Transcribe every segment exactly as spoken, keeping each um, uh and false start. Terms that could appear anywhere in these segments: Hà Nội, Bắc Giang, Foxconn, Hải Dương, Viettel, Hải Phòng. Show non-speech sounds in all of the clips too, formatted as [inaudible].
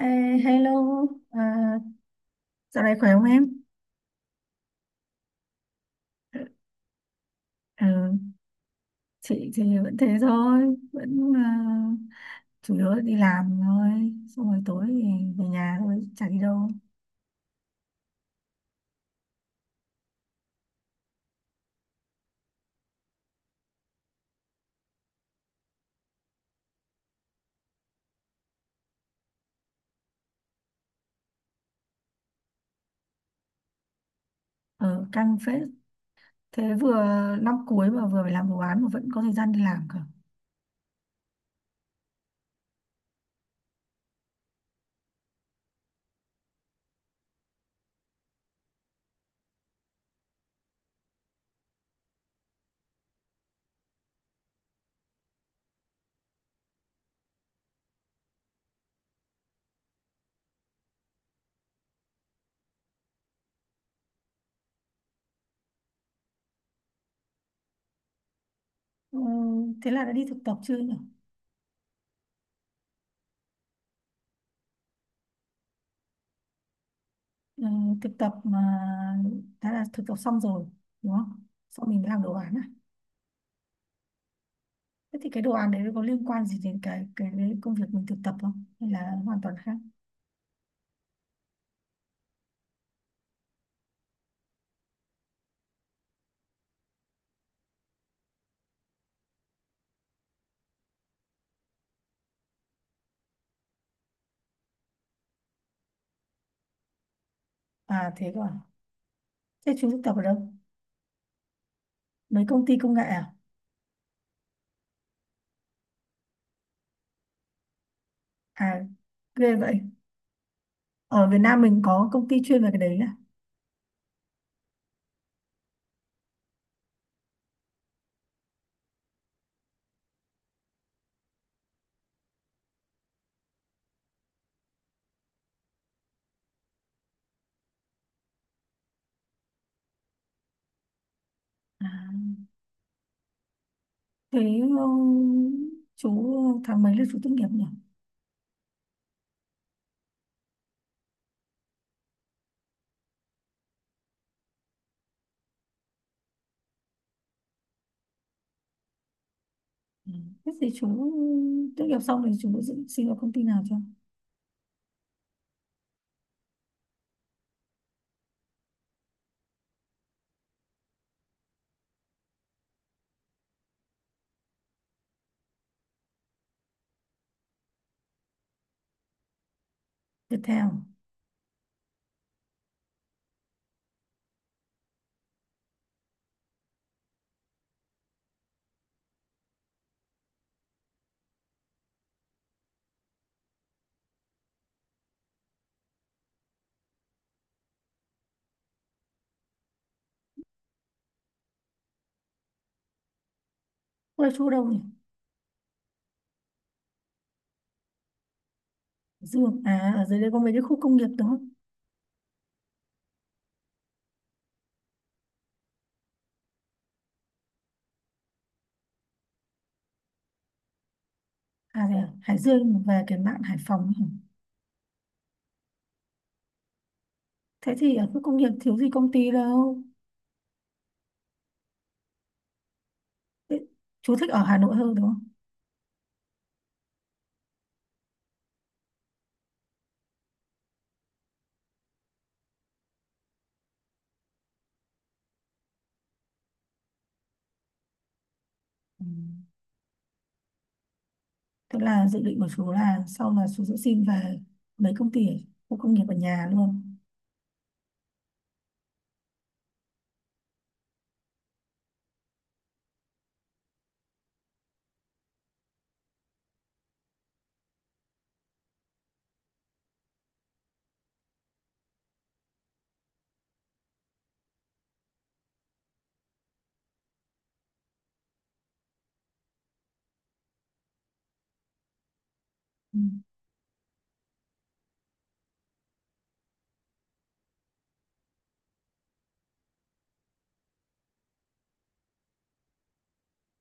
Ê, hello, à, dạo này khỏe không em? Ờ, chị thì vẫn thế thôi, vẫn à, chủ yếu là đi làm thôi, xong rồi tối thì về nhà thôi, chả đi đâu. Ở căng phết, thế vừa năm cuối mà vừa phải làm đồ án mà vẫn có thời gian đi làm cả. Ừ, thế là đã đi thực tập chưa nhỉ? Ừ, thực tập mà đã là thực tập xong rồi, đúng không? Xong mình mới làm đồ án à? Thế thì cái đồ án đấy nó có liên quan gì đến cái cái công việc mình thực tập không? Hay là hoàn toàn khác? À thế cơ à? Thế chú thực tập ở đâu? Mấy công ty công nghệ à? À, ghê vậy. Ở Việt Nam mình có công ty chuyên về cái đấy à? À. Thế um, chú tháng mấy là chú tốt nghiệp nhỉ? Ừ. Thế thì chú tốt nghiệp xong thì chú dự- xin vào công ty nào cho? Viettel. Quê chú ở đâu nhỉ? Hải Dương. À, ở dưới đây có mấy cái khu công nghiệp đúng không? À, thế à? Hải Dương về cái mạn Hải Phòng ấy hả? Thế thì ở khu công nghiệp thiếu gì công ty đâu. Thế, chú thích ở Hà Nội hơn đúng không? Ừ. Tức là dự định của chú là sau là chú sẽ xin về mấy công ty ở khu công nghiệp ở nhà luôn. Ừ.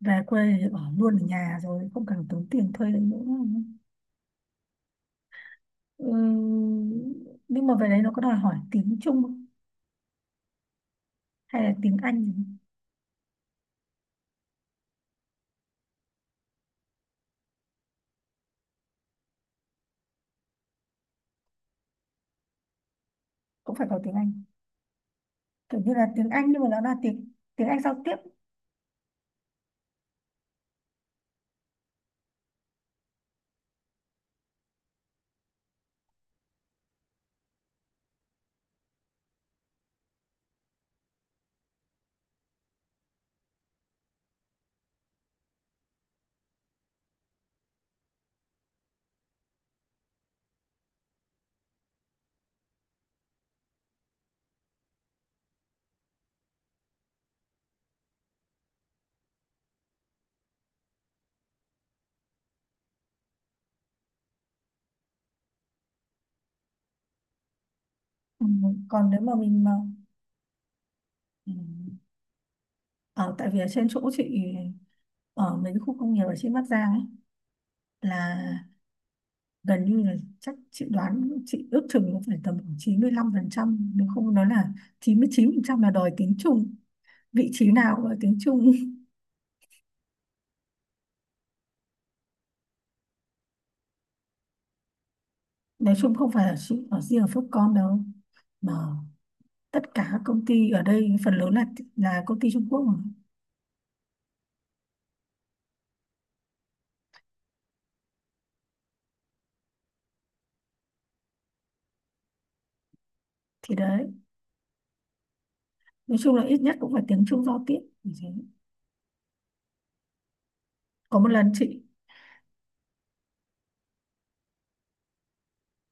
Về quê thì ở luôn ở nhà rồi không cần tốn tiền thuê đấy nữa. Ừ. Nhưng mà về đấy nó có đòi hỏi tiếng Trung không? Hay là tiếng Anh gì? Cũng phải có tiếng Anh. Kiểu như là tiếng Anh nhưng mà nó là tiếng tiếng Anh giao tiếp. Ừ. Còn nếu mà mình mà ừ. Ở tại vì ở trên chỗ chị ở mấy cái khu công nghiệp ở trên Bắc Giang ấy, là gần như là, chắc chị đoán, chị ước chừng nó phải tầm khoảng chín mươi lăm phần trăm, nếu không nó là chín chín mươi chín phần trăm là đòi tiếng Trung, vị trí nào cũng là tiếng Trung. [laughs] Nói chung không phải là chị ở riêng ở Foxconn đâu, mà tất cả các công ty ở đây phần lớn là là công ty Trung Quốc mà. Thì đấy, nói chung là ít nhất cũng phải tiếng Trung giao tiếp như thế. Có một lần chị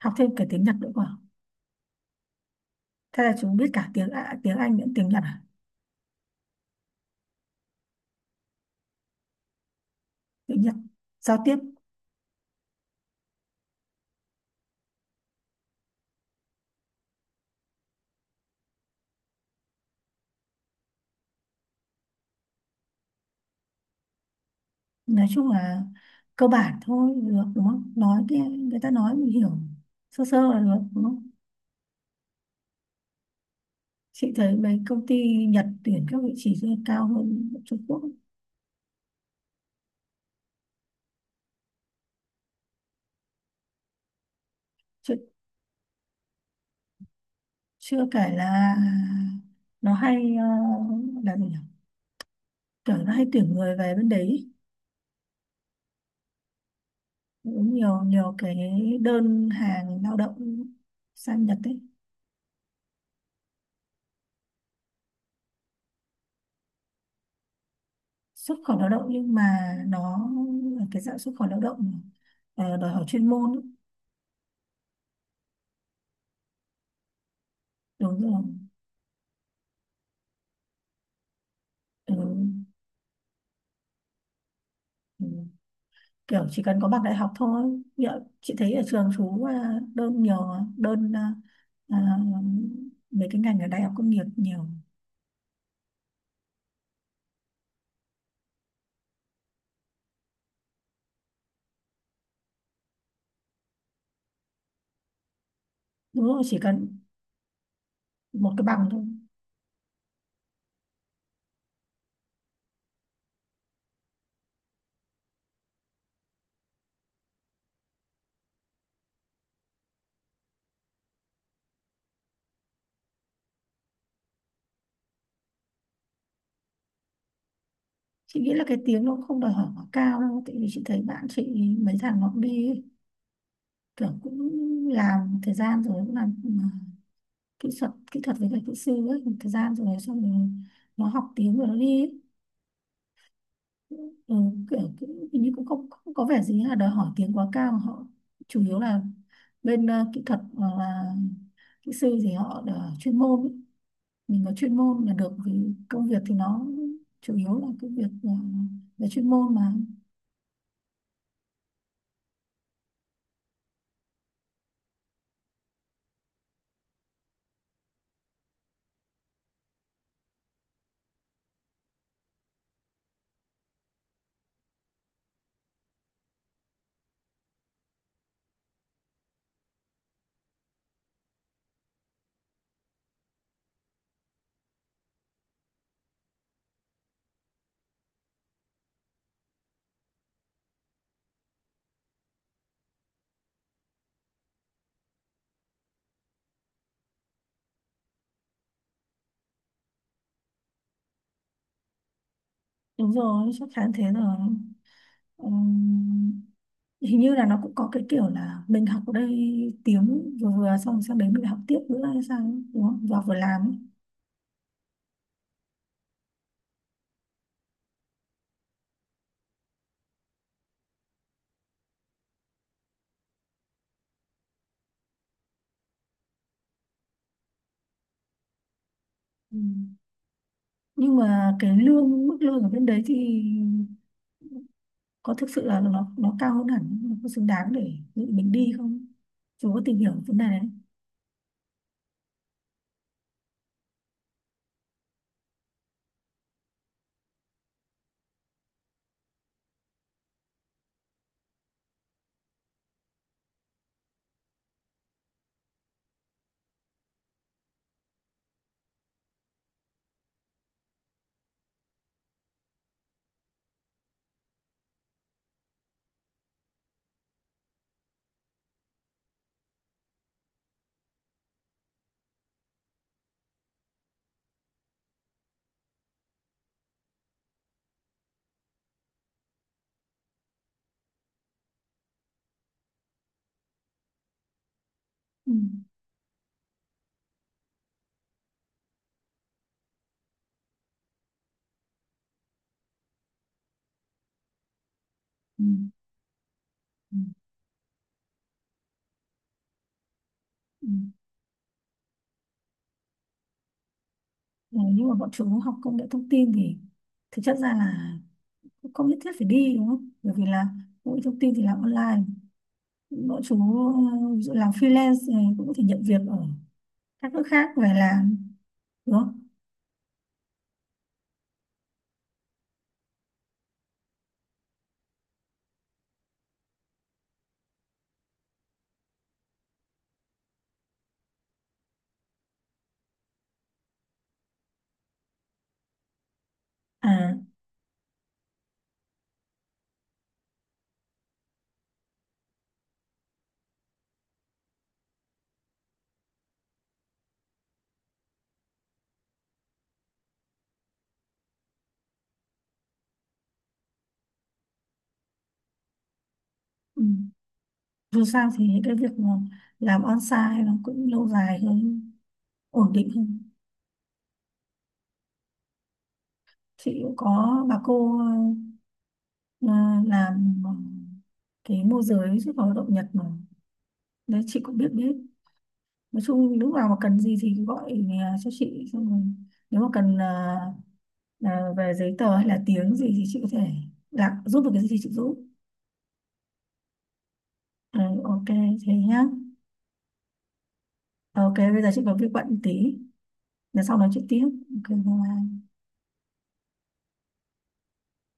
học thêm cả tiếng Nhật nữa mà, thế là chúng biết cả tiếng à, tiếng Anh lẫn tiếng Nhật à? Tiếng Nhật giao tiếp, nói chung là cơ bản thôi được đúng không, nói cái người ta nói mình hiểu sơ sơ là được đúng không, chị thấy mấy công ty Nhật tuyển các vị trí rất cao hơn Trung Quốc. Chưa, chưa kể là nó hay ờ, là gì nhỉ, kiểu nó hay tuyển người về bên đấy ý. Cũng nhiều nhiều cái đơn hàng lao động sang Nhật ấy, xuất khẩu lao động nhưng mà nó là cái dạng xuất khẩu lao động ờ, đòi hỏi chuyên môn ý. Đúng rồi. Ừ. Ừ. Kiểu chỉ cần có bằng đại học thôi. Như ạ, chị thấy ở trường chú à, đơn nhiều mà, đơn à, à, mấy cái ngành ở đại học công nghiệp nhiều. Đúng rồi, chỉ cần một cái bằng thôi. Chị nghĩ là cái tiếng nó cũng không đòi hỏi quá cao đâu, tại vì chị thấy bạn chị mấy thằng nó cũng đi ấy, kiểu cũng làm thời gian rồi cũng làm à, kỹ thuật kỹ thuật với cả kỹ sư ấy thời gian rồi, xong rồi nó học tiếng rồi nó đi ấy. ừ, Kiểu, kiểu hình như cũng không, không có vẻ gì là đòi hỏi tiếng quá cao, họ chủ yếu là bên ờ, kỹ thuật hoặc là kỹ sư thì họ là chuyên môn ý. Mình có chuyên môn là được vì công việc thì nó chủ yếu là cái việc là, là chuyên môn mà. Đúng rồi, chắc chắn thế rồi. Ừm, Hình như là nó cũng có cái kiểu là mình học ở đây tiếng vừa vừa xong sang đấy mình học tiếp nữa hay sao ấy, đúng không, và vừa làm ấy. Ừ. Nhưng mà cái lương mức lương ở bên đấy thì có thực sự là nó nó cao hơn hẳn, nó có xứng đáng để dự mình đi không, chú có tìm hiểu vấn đề đấy? Ừ. Ừ. Ừ. Ừ. Ừ. Ờ, nhưng mà bọn chú học công nghệ thông tin thì thực chất ra là cũng không nhất thiết phải đi đúng không, bởi vì là công nghệ thông tin thì làm online, bọn chú ờ, ví dụ làm freelance này cũng có thể nhận việc ở các nước khác về làm đúng không à. Ừ. Dù sao thì cái việc mà làm on-site nó cũng lâu dài hơn, ổn định không. Chị cũng có bà cô ờ, làm ờ, cái môi giới xuất khẩu lao động Nhật mà, đấy chị cũng biết biết. Nói chung lúc nào mà cần gì thì gọi ờ, cho chị, xong rồi nếu mà cần ờ, ờ, về giấy tờ hay là tiếng gì thì chị có thể là giúp được cái gì thì chị giúp. Ờ, ok thế nhá. Ok bây giờ chị có việc bận tí, để sau nói chuyện tiếp. Ok bye bye.